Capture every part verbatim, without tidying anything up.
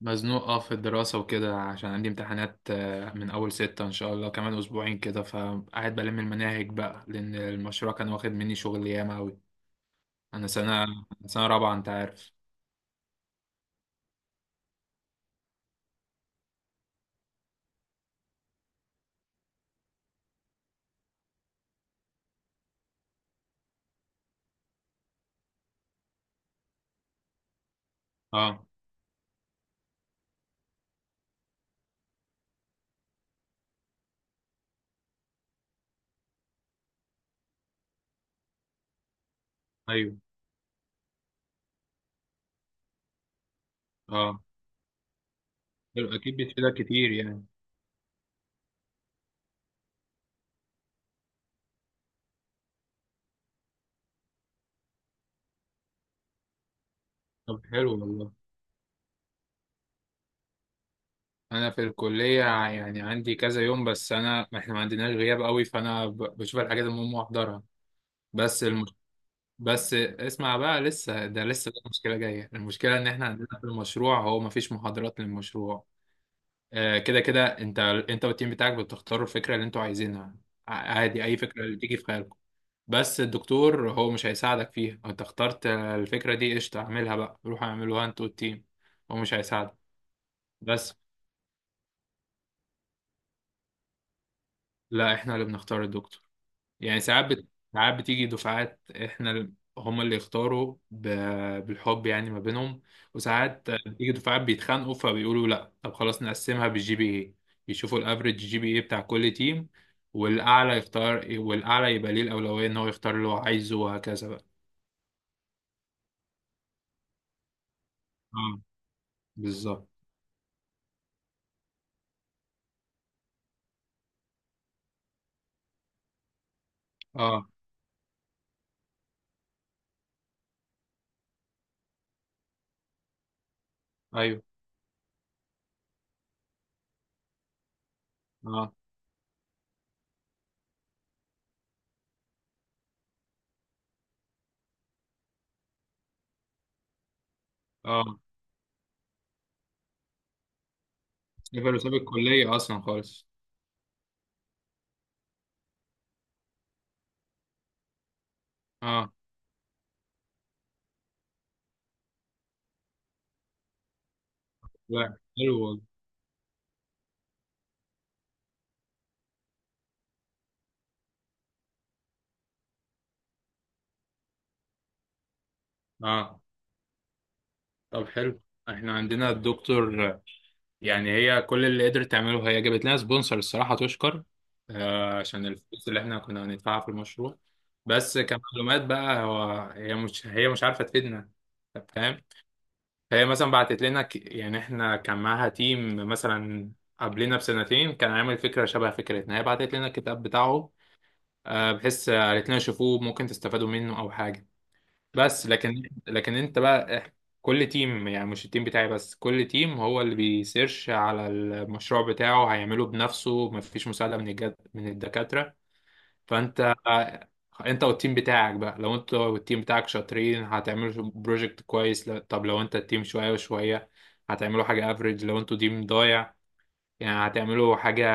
مزنوق اه في الدراسة وكده عشان عندي امتحانات آه، من أول ستة إن شاء الله كمان أسبوعين كده، فقاعد بلم المناهج بقى لأن المشروع كان واخد مني شغل ياما أوي. أنا سنة أنا سنة رابعة أنت عارف. اه. أيوه. اه. حلو، أكيد بيفيدك كتير يعني. طب حلو والله. أنا في الكلية يعني عندي كذا يوم، بس أنا إحنا ما عندناش غياب أوي، فأنا ب- بشوف الحاجات المهمة وأحضرها. بس الم... بس اسمع بقى، لسه ده لسه في مشكلة جاية. المشكلة إن إحنا عندنا في المشروع هو مفيش محاضرات للمشروع. آه، كده كده انت انت والتيم بتاعك بتختاروا الفكره اللي انتوا عايزينها. ع- عادي اي فكره اللي تيجي في خيالكم. بس الدكتور هو مش هيساعدك فيها. انت اخترت الفكره دي، قشطه اعملها بقى، روح اعملوها انت والتيم. هو مش هيساعدك. بس. لا احنا اللي بنختار الدكتور. يعني ساعات بت... ساعات بتيجي دفعات. احنا ال- هما اللي يختاروا ب... بالحب يعني ما بينهم. وساعات بتيجي دفعات بيتخانقوا، فبيقولوا لا طب خلاص نقسمها بالجي بي اي. يشوفوا الافريج جي بي اي بتاع كل تيم، والاعلى يختار، والاعلى يبقى ليه الاولويه ان هو يختار اللي هو عايزه، وهكذا بقى. اه بالظبط. اه. ايوه. اه. اه سيبر، وساب الكليه اصلا خالص. اه. لا حلو والله. اه طب حلو. احنا عندنا الدكتور يعني، هي كل اللي قدرت تعمله هي جابت لنا سبونسر، الصراحة تشكر. آه، عشان الفلوس اللي احنا كنا هندفعها في المشروع. بس كمعلومات بقى، هو هي مش هي مش عارفة تفيدنا. طب فاهم. فهي مثلا بعتت لنا ك... يعني احنا كان معاها تيم مثلا قبلنا بسنتين كان عامل فكرة شبه فكرتنا، هي بعتت لنا الكتاب بتاعه. آه، بحيث آه، قالت لنا شوفوه، ممكن تستفادوا منه أو حاجة. بس لكن لكن انت بقى إح- كل تيم، يعني مش التيم بتاعي بس، كل تيم هو اللي بيسيرش على المشروع بتاعه، هيعمله بنفسه، مفيش مساعدة من الجد من الدكاترة. فانت، انت والتيم بتاعك بقى، لو انت والتيم بتاعك شاطرين هتعملوا بروجكت كويس. لا- طب لو انت التيم شوية وشوية، هتعملوا حاجة افريج. لو انتوا تيم ضايع يعني هتعملوا حاجة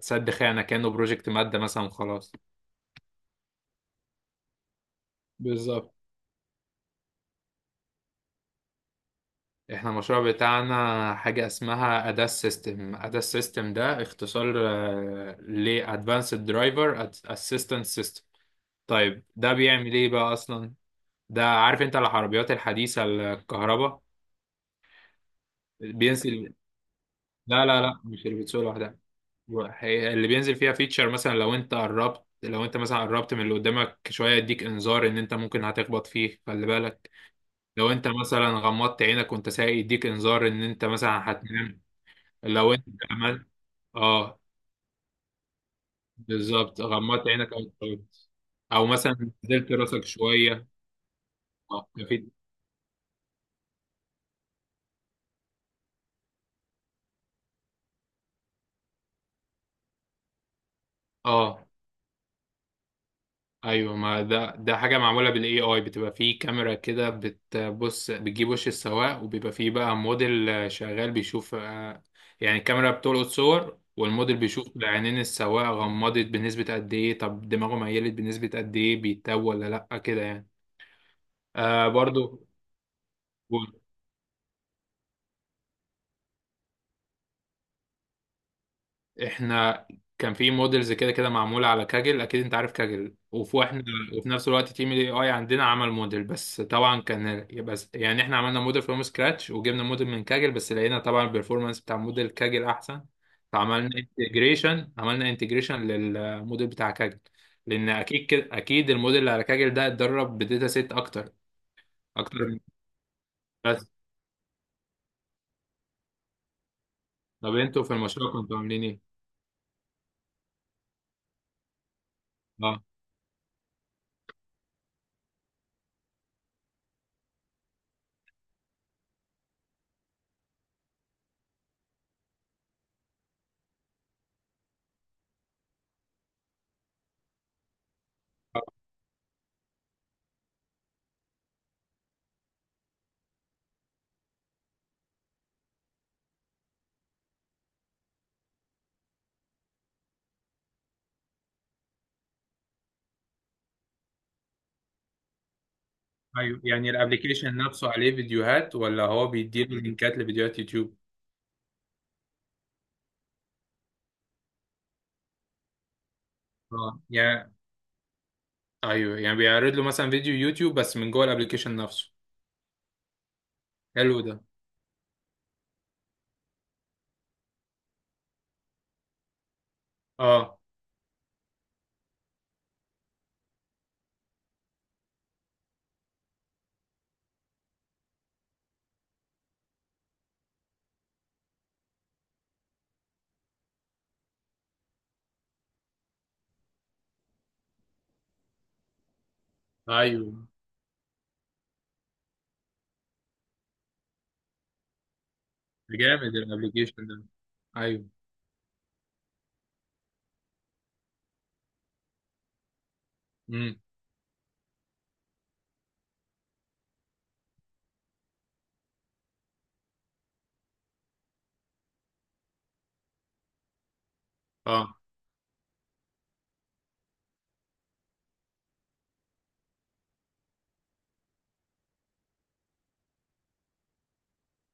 سد خانة كأنه بروجكت مادة مثلا، خلاص. بالظبط. احنا المشروع بتاعنا حاجة اسمها أداس سيستم. أداس سيستم ده اختصار آه، ل Advanced Driver Assistance System. طيب ده بيعمل ايه بقى اصلا؟ ده عارف انت العربيات الحديثة الكهرباء بينزل. لا لا لا مش اللي بتسوق لوحدها. هي- اللي بينزل فيها فيتشر، مثلا لو انت قربت لو انت مثلا قربت من اللي قدامك شوية، يديك انذار ان انت ممكن هتخبط فيه، خلي بالك. لو انت مثلا غمضت عينك وانت سايق، يديك انذار ان انت مثلا هتنام. لو انت عملت. اه بالظبط، غمضت عينك او اتفرجت او مثلا نزلت راسك شويه. اه في. اه ايوه، ما ده ده حاجه معموله بالاي اي. بتبقى فيه كاميرا كده بتبص، بتجيب وش السواق، وبيبقى فيه بقى موديل آه، شغال بيشوف آه، يعني الكاميرا بتلقط صور، والموديل بيشوف عينين السواق غمضت بنسبه قد ايه، طب دماغه ميلت بنسبه قد ايه، بيتوه ولا لا كده يعني. آه برضو. احنا كان في موديلز كده كده معموله على كاجل، اكيد انت عارف كاجل، وفي احنا وفي نفس الوقت تيم الاي اي عندنا عمل موديل، بس طبعا كان بس يعني احنا عملنا موديل فروم سكراتش وجبنا موديل من كاجل، بس لقينا طبعا البرفورمانس بتاع موديل كاجل احسن. فعملنا انتجريشن، عملنا انتجريشن للموديل بتاع كاجل، لان اكيد كده، اكيد الموديل اللي على كاجل ده اتدرب بداتا سيت اكتر، اكتر من. بس. طب انتوا في المشروع كنتوا عاملين ايه؟ اه. ايوه يعني الابلكيشن نفسه عليه فيديوهات، ولا هو بيديله لينكات لفيديوهات يوتيوب؟ اه يعني ايوه، يعني بيعرض له مثلا فيديو يوتيوب بس من جوه الابلكيشن نفسه. حلو ده. اه. ايوه. ده جامد الابلكيشن ده. ايوه. امم. اه.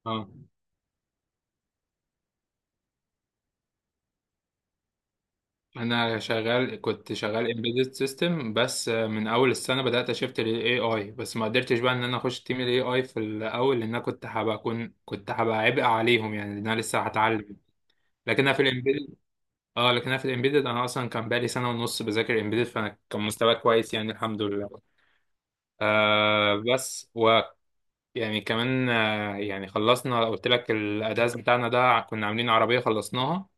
اه انا شغال، كنت شغال امبيدد سيستم، بس من اول السنه بدات اشفت للاي اي، بس ما قدرتش بقى ان انا اخش تيم الاي اي في الاول لان انا كنت هبقى كنت هبقى عبء عليهم يعني، لان انا لسه هتعلم. لكن انا في اه لكن انا في الامبيدد انا اصلا كان بقالي سنه ونص بذاكر امبيدد، فانا كان مستواي كويس يعني الحمد لله. آه بس ويعني كمان آه يعني خلصنا، قلت لك الاداز بتاعنا ده كنا عاملين عربيه خلصناها،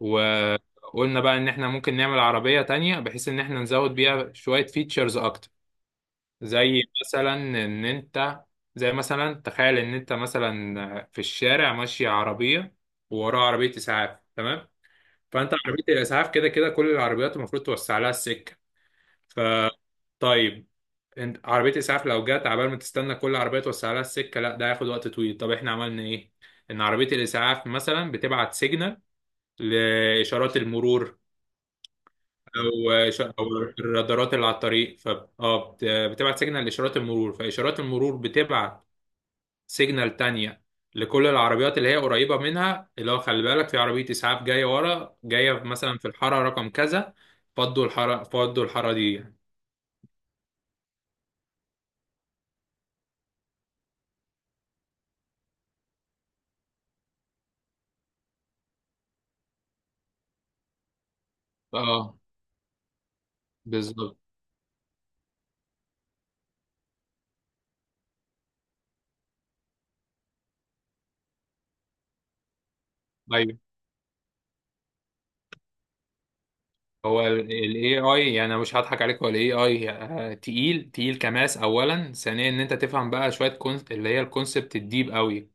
وقلنا بقى ان احنا ممكن نعمل عربيه تانية بحيث ان احنا نزود بيها شويه فيتشرز اكتر. زي مثلا ان انت زي مثلا تخيل ان انت مثلا في الشارع ماشي عربيه ووراها عربيه اسعاف، تمام؟ فانت عربيه الاسعاف كده كده كل العربيات المفروض توسع لها السكه. ف طيب، انت عربيه اسعاف، لو جت عبال ما تستنى كل عربيه توسع لها السكه، لا ده هياخد وقت طويل. طب احنا عملنا ايه؟ ان عربيه الاسعاف مثلا بتبعت سيجنال لاشارات المرور، او إش- او الرادارات اللي على الطريق. ف اه بت- بتبعت سيجنال لاشارات المرور، فاشارات المرور بتبعت سيجنال تانية لكل العربيات اللي هي قريبة منها، اللي هو خلي بالك في عربية إسعاف جاية ورا، جاية مثلا في الحارة رقم كذا، فضوا الحارة، فضوا الحارة دي يعني. اه بالظبط. ايوه هو ال إيه آي يعني، أنا مش هضحك عليك، هو ال إيه آي آه، تقيل تقيل كماس. أولا ثانيا إن أنت تفهم بقى شوية كونس، اللي هي الكونسبت الديب قوي.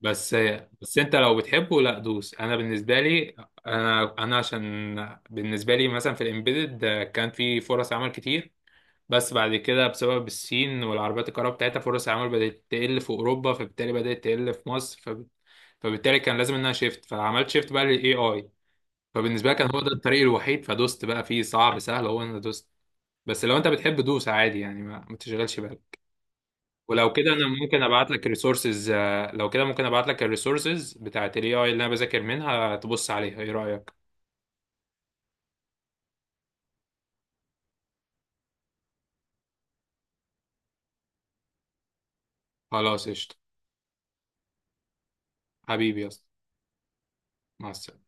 بس، بس أنت لو بتحبه لا دوس. أنا بالنسبة لي، أنا أنا عشان بالنسبة لي مثلا في الإمبيدد كان في فرص عمل كتير، بس بعد كده بسبب الصين والعربيات الكهرباء بتاعتها فرص العمل بدأت تقل في أوروبا، فبالتالي بدأت تقل في مصر، فب... فبالتالي كان لازم إنها شيفت، فعملت شيفت بقى لل A I. فبالنسبة لي كان هو ده الطريق الوحيد، فدوست بقى فيه. صعب سهل هو، إن دوست. بس لو أنت بتحب دوس عادي يعني، ما, ما تشغلش بالك. ولو كده أنا ممكن أبعت لك الريسورسز، لو كده ممكن أبعت لك الريسورسز بتاعت ال إيه آي اللي أنا بذاكر منها، تبص عليها، إيه رأيك؟ خلاص قشطة. حبيبي يا اسطى. مع السلامة.